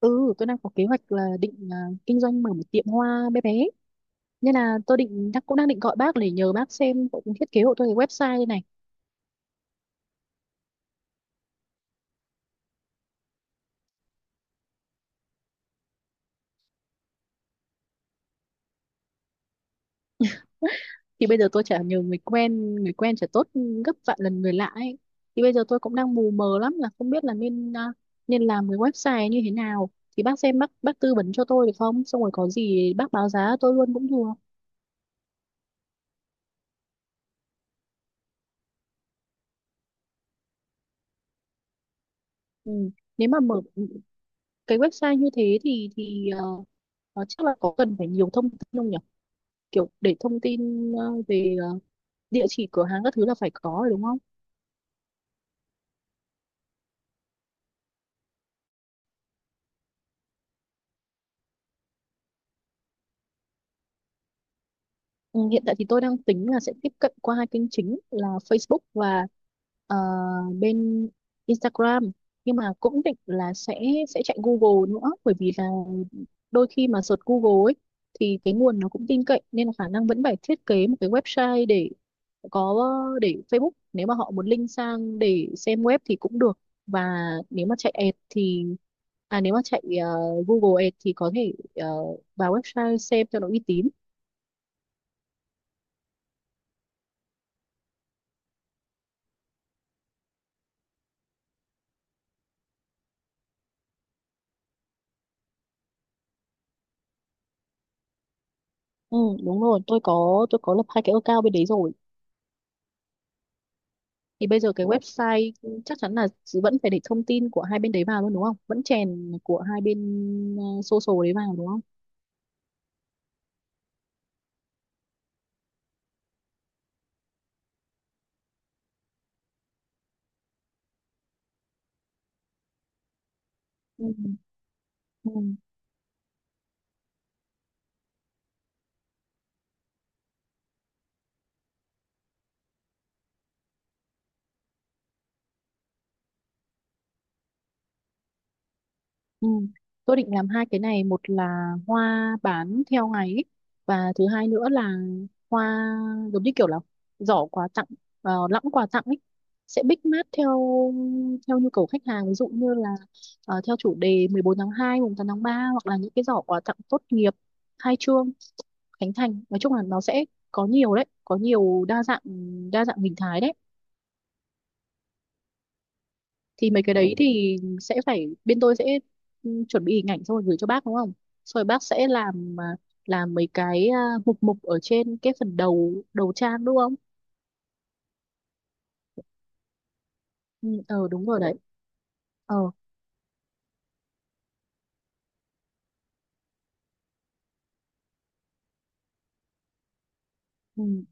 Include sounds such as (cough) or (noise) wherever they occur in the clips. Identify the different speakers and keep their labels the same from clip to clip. Speaker 1: Ừ, tôi đang có kế hoạch là định kinh doanh mở một tiệm hoa bé bé. Nên là tôi cũng đang định gọi bác để nhờ bác xem cũng thiết kế hộ tôi cái website đây này. Thì bây giờ tôi chả nhờ người quen chả tốt gấp vạn lần người lạ ấy. Thì bây giờ tôi cũng đang mù mờ lắm là không biết là nên làm cái website như thế nào. Thì bác xem bác tư vấn cho tôi được không? Xong rồi có gì bác báo giá tôi luôn cũng được. Ừ. Nếu mà mở cái website như thế thì chắc là có cần phải nhiều thông tin không nhỉ? Kiểu để thông tin về địa chỉ cửa hàng các thứ là phải có rồi đúng không? Ừ, hiện tại thì tôi đang tính là sẽ tiếp cận qua hai kênh chính là Facebook và ờ, bên Instagram, nhưng mà cũng định là sẽ chạy Google nữa, bởi vì là đôi khi mà search Google ấy thì cái nguồn nó cũng tin cậy, nên là khả năng vẫn phải thiết kế một cái website để có, để Facebook nếu mà họ muốn link sang để xem web thì cũng được, và nếu mà chạy ad thì nếu mà chạy Google Ads thì có thể vào website xem cho nó uy tín. Ừ, đúng rồi, tôi có lập hai cái account bên đấy rồi. Thì bây giờ cái website chắc chắn là vẫn phải để thông tin của hai bên đấy vào luôn đúng không? Vẫn chèn của hai bên social đấy vào đúng không? Ừ. Ừ. Ừ. Tôi định làm hai cái này, một là hoa bán theo ngày ấy, và thứ hai nữa là hoa giống như kiểu là giỏ quà tặng, lẵng quà tặng ấy, sẽ bích mát theo theo nhu cầu khách hàng, ví dụ như là theo chủ đề 14/2, 8/3, hoặc là những cái giỏ quà tặng tốt nghiệp, khai trương, khánh thành. Nói chung là nó sẽ có nhiều đấy, có nhiều đa dạng hình thái đấy. Thì mấy cái đấy thì sẽ phải bên tôi sẽ chuẩn bị hình ảnh xong rồi gửi cho bác đúng không? Xong rồi bác sẽ làm mấy mục mục ở trên cái phần đầu đầu trang đúng không? Ừ, đúng rồi đấy. ờ ừ,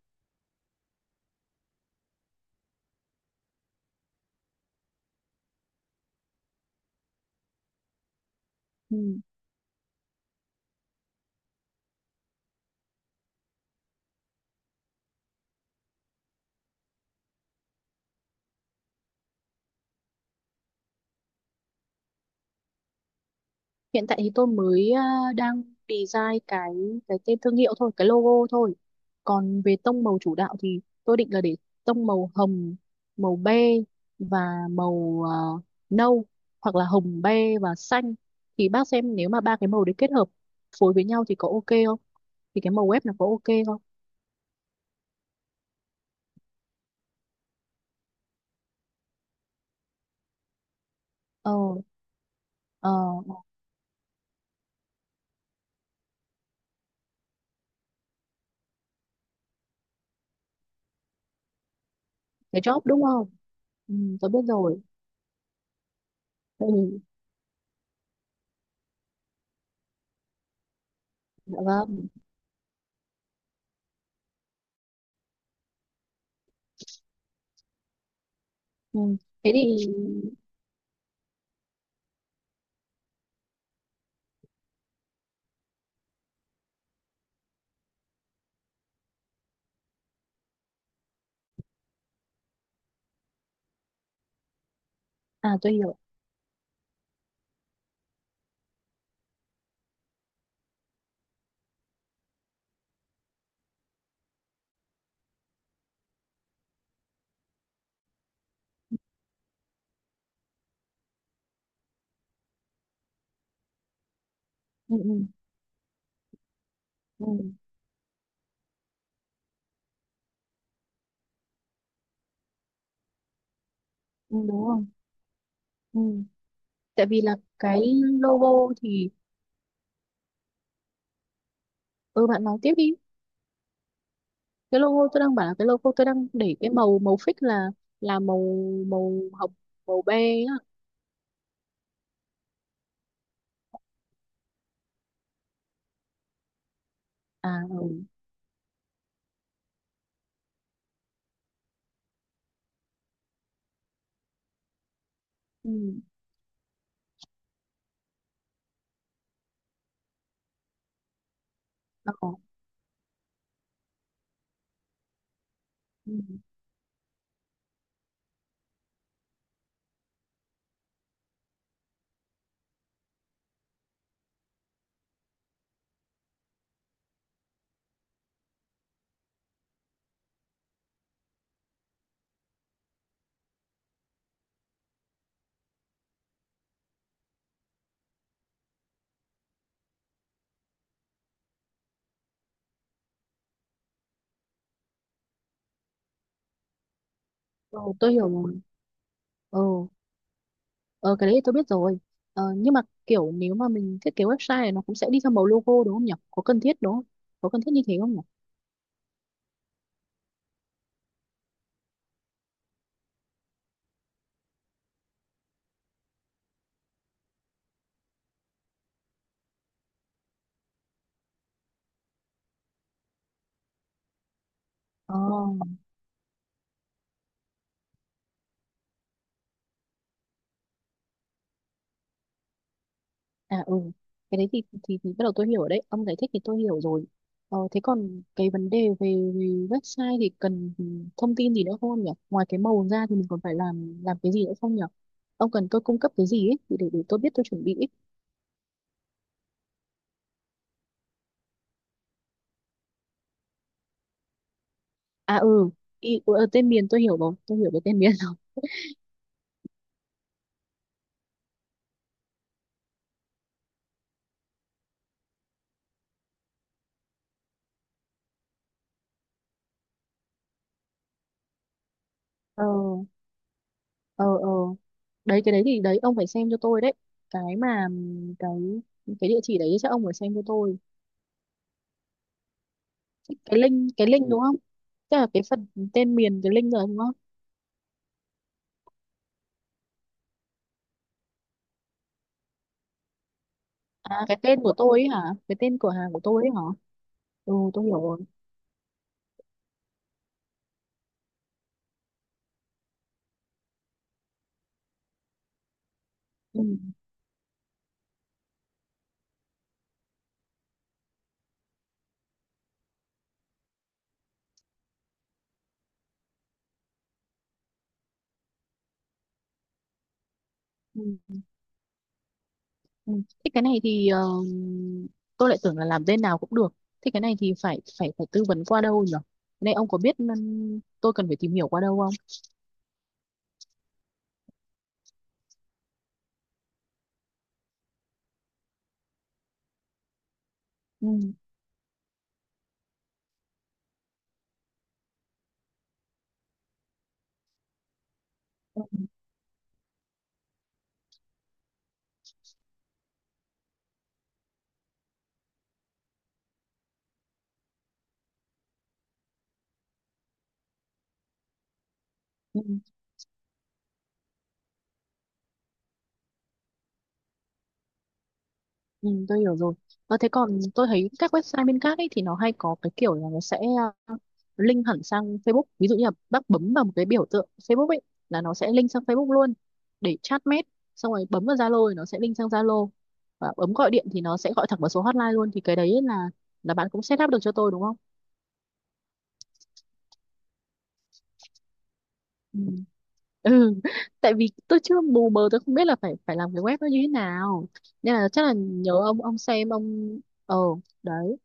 Speaker 1: ừ. Hiện tại thì tôi mới đang design cái tên thương hiệu thôi, cái logo thôi. Còn về tông màu chủ đạo thì tôi định là để tông màu hồng, màu be, và màu nâu, hoặc là hồng be và xanh. Thì bác xem nếu mà ba cái màu đấy kết hợp phối với nhau thì có ok không, thì cái màu web nó có ok không. ờ ờ cái job đúng không? Ừ, tôi biết rồi. Ừ, dạ vâng. Ừ. Thế thì à, tôi hiểu. Ừ, ừ, ừ, ừ, đúng không. Ừ. Tại vì là cái logo thì— Ừ, bạn nói tiếp đi. Cái logo tôi đang bảo là cái logo tôi đang để cái màu màu fix là màu màu hồng, màu be á. À, ừ, ừ. Ờ, ừ. Ừ, tôi hiểu rồi. Ừ. Ờ, cái đấy tôi biết rồi. Ờ, nhưng mà kiểu nếu mà mình thiết kế website này nó cũng sẽ đi theo màu logo đúng không nhỉ, có cần thiết đúng không, có cần thiết như thế không nhỉ? ờ À ừ, cái đấy thì bắt đầu tôi hiểu rồi đấy, ông giải thích thì tôi hiểu rồi. Ờ, thế còn cái vấn đề về website thì cần thông tin gì nữa không ông nhỉ? Ngoài cái màu ra thì mình còn phải làm cái gì nữa không nhỉ? Ông cần tôi cung cấp cái gì ấy, để tôi biết tôi chuẩn bị ấy. À ừ, ừ, tên miền tôi hiểu rồi, tôi hiểu cái tên miền. (laughs) Ờ, ờ, ờ. Đấy, cái đấy thì đấy, ông phải xem cho tôi đấy. Cái mà, cái địa chỉ đấy chắc ông phải xem cho tôi. Cái link Ừ. Đúng không? Tức là cái phần tên miền, cái link rồi đúng không? À, cái tên của tôi ấy hả? Cái tên cửa hàng của tôi ấy hả? Ừ, tôi hiểu rồi. Ừ, ừ, ừ. Thế cái này thì tôi lại tưởng là làm tên nào cũng được. Thế cái này thì phải phải phải tư vấn qua đâu nhỉ? Cái này ông có biết tôi cần phải tìm hiểu qua đâu không? Ừ. Ừ. Ừ. Ừ, tôi hiểu rồi. Ờ, thế còn tôi thấy các website bên khác ấy thì nó hay có cái kiểu là nó sẽ ờ, link hẳn sang Facebook. Ví dụ như là bác bấm vào một cái biểu tượng Facebook ấy là nó sẽ link sang Facebook luôn để chat mét. Xong rồi bấm vào Zalo thì nó sẽ link sang Zalo. Và bấm gọi điện thì nó sẽ gọi thẳng vào số hotline luôn. Thì cái đấy là bạn cũng set up được cho tôi đúng không? Ừ. Ừ. (laughs) Tại vì tôi chưa, mù mờ tôi không biết là phải phải làm cái web nó như thế nào. Nên là chắc là nhớ ông xem ông ờ đấy.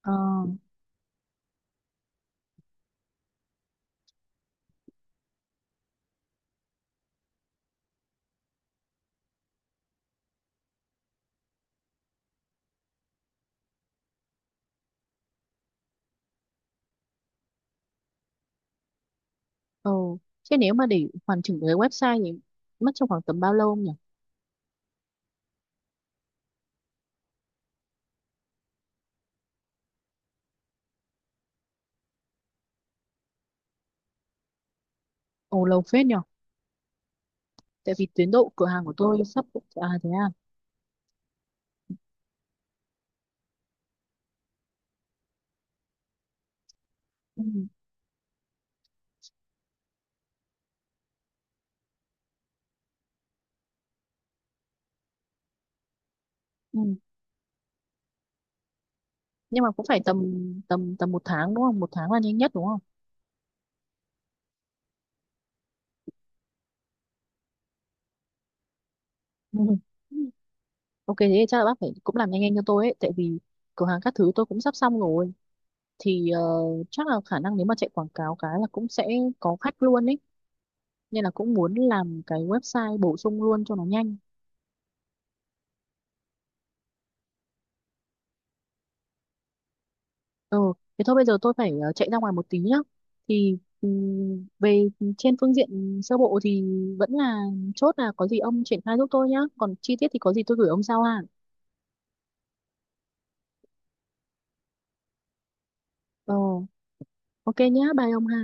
Speaker 1: Ờ. Ừ. Chứ nếu mà để hoàn chỉnh cái website thì mất trong khoảng tầm bao lâu không nhỉ? Ồ lâu phết nhỉ? Tại vì tiến độ cửa hàng của tôi sắp— à thế à. Ừ. Ừ. Nhưng mà cũng phải tầm tầm tầm một tháng đúng không? Một tháng là nhanh nhất đúng không? Ừ. Ok thế thì chắc là bác phải cũng làm nhanh nhanh cho tôi ấy, tại vì cửa hàng các thứ tôi cũng sắp xong rồi, thì chắc là khả năng nếu mà chạy quảng cáo cái là cũng sẽ có khách luôn ấy, nên là cũng muốn làm cái website bổ sung luôn cho nó nhanh. Ừ, thế thôi bây giờ tôi phải chạy ra ngoài một tí nhá. Thì về trên phương diện sơ bộ thì vẫn là chốt là có gì ông triển khai giúp tôi nhá. Còn chi tiết thì có gì tôi gửi ông sau ha. Ờ, ok nhá, bye ông ha.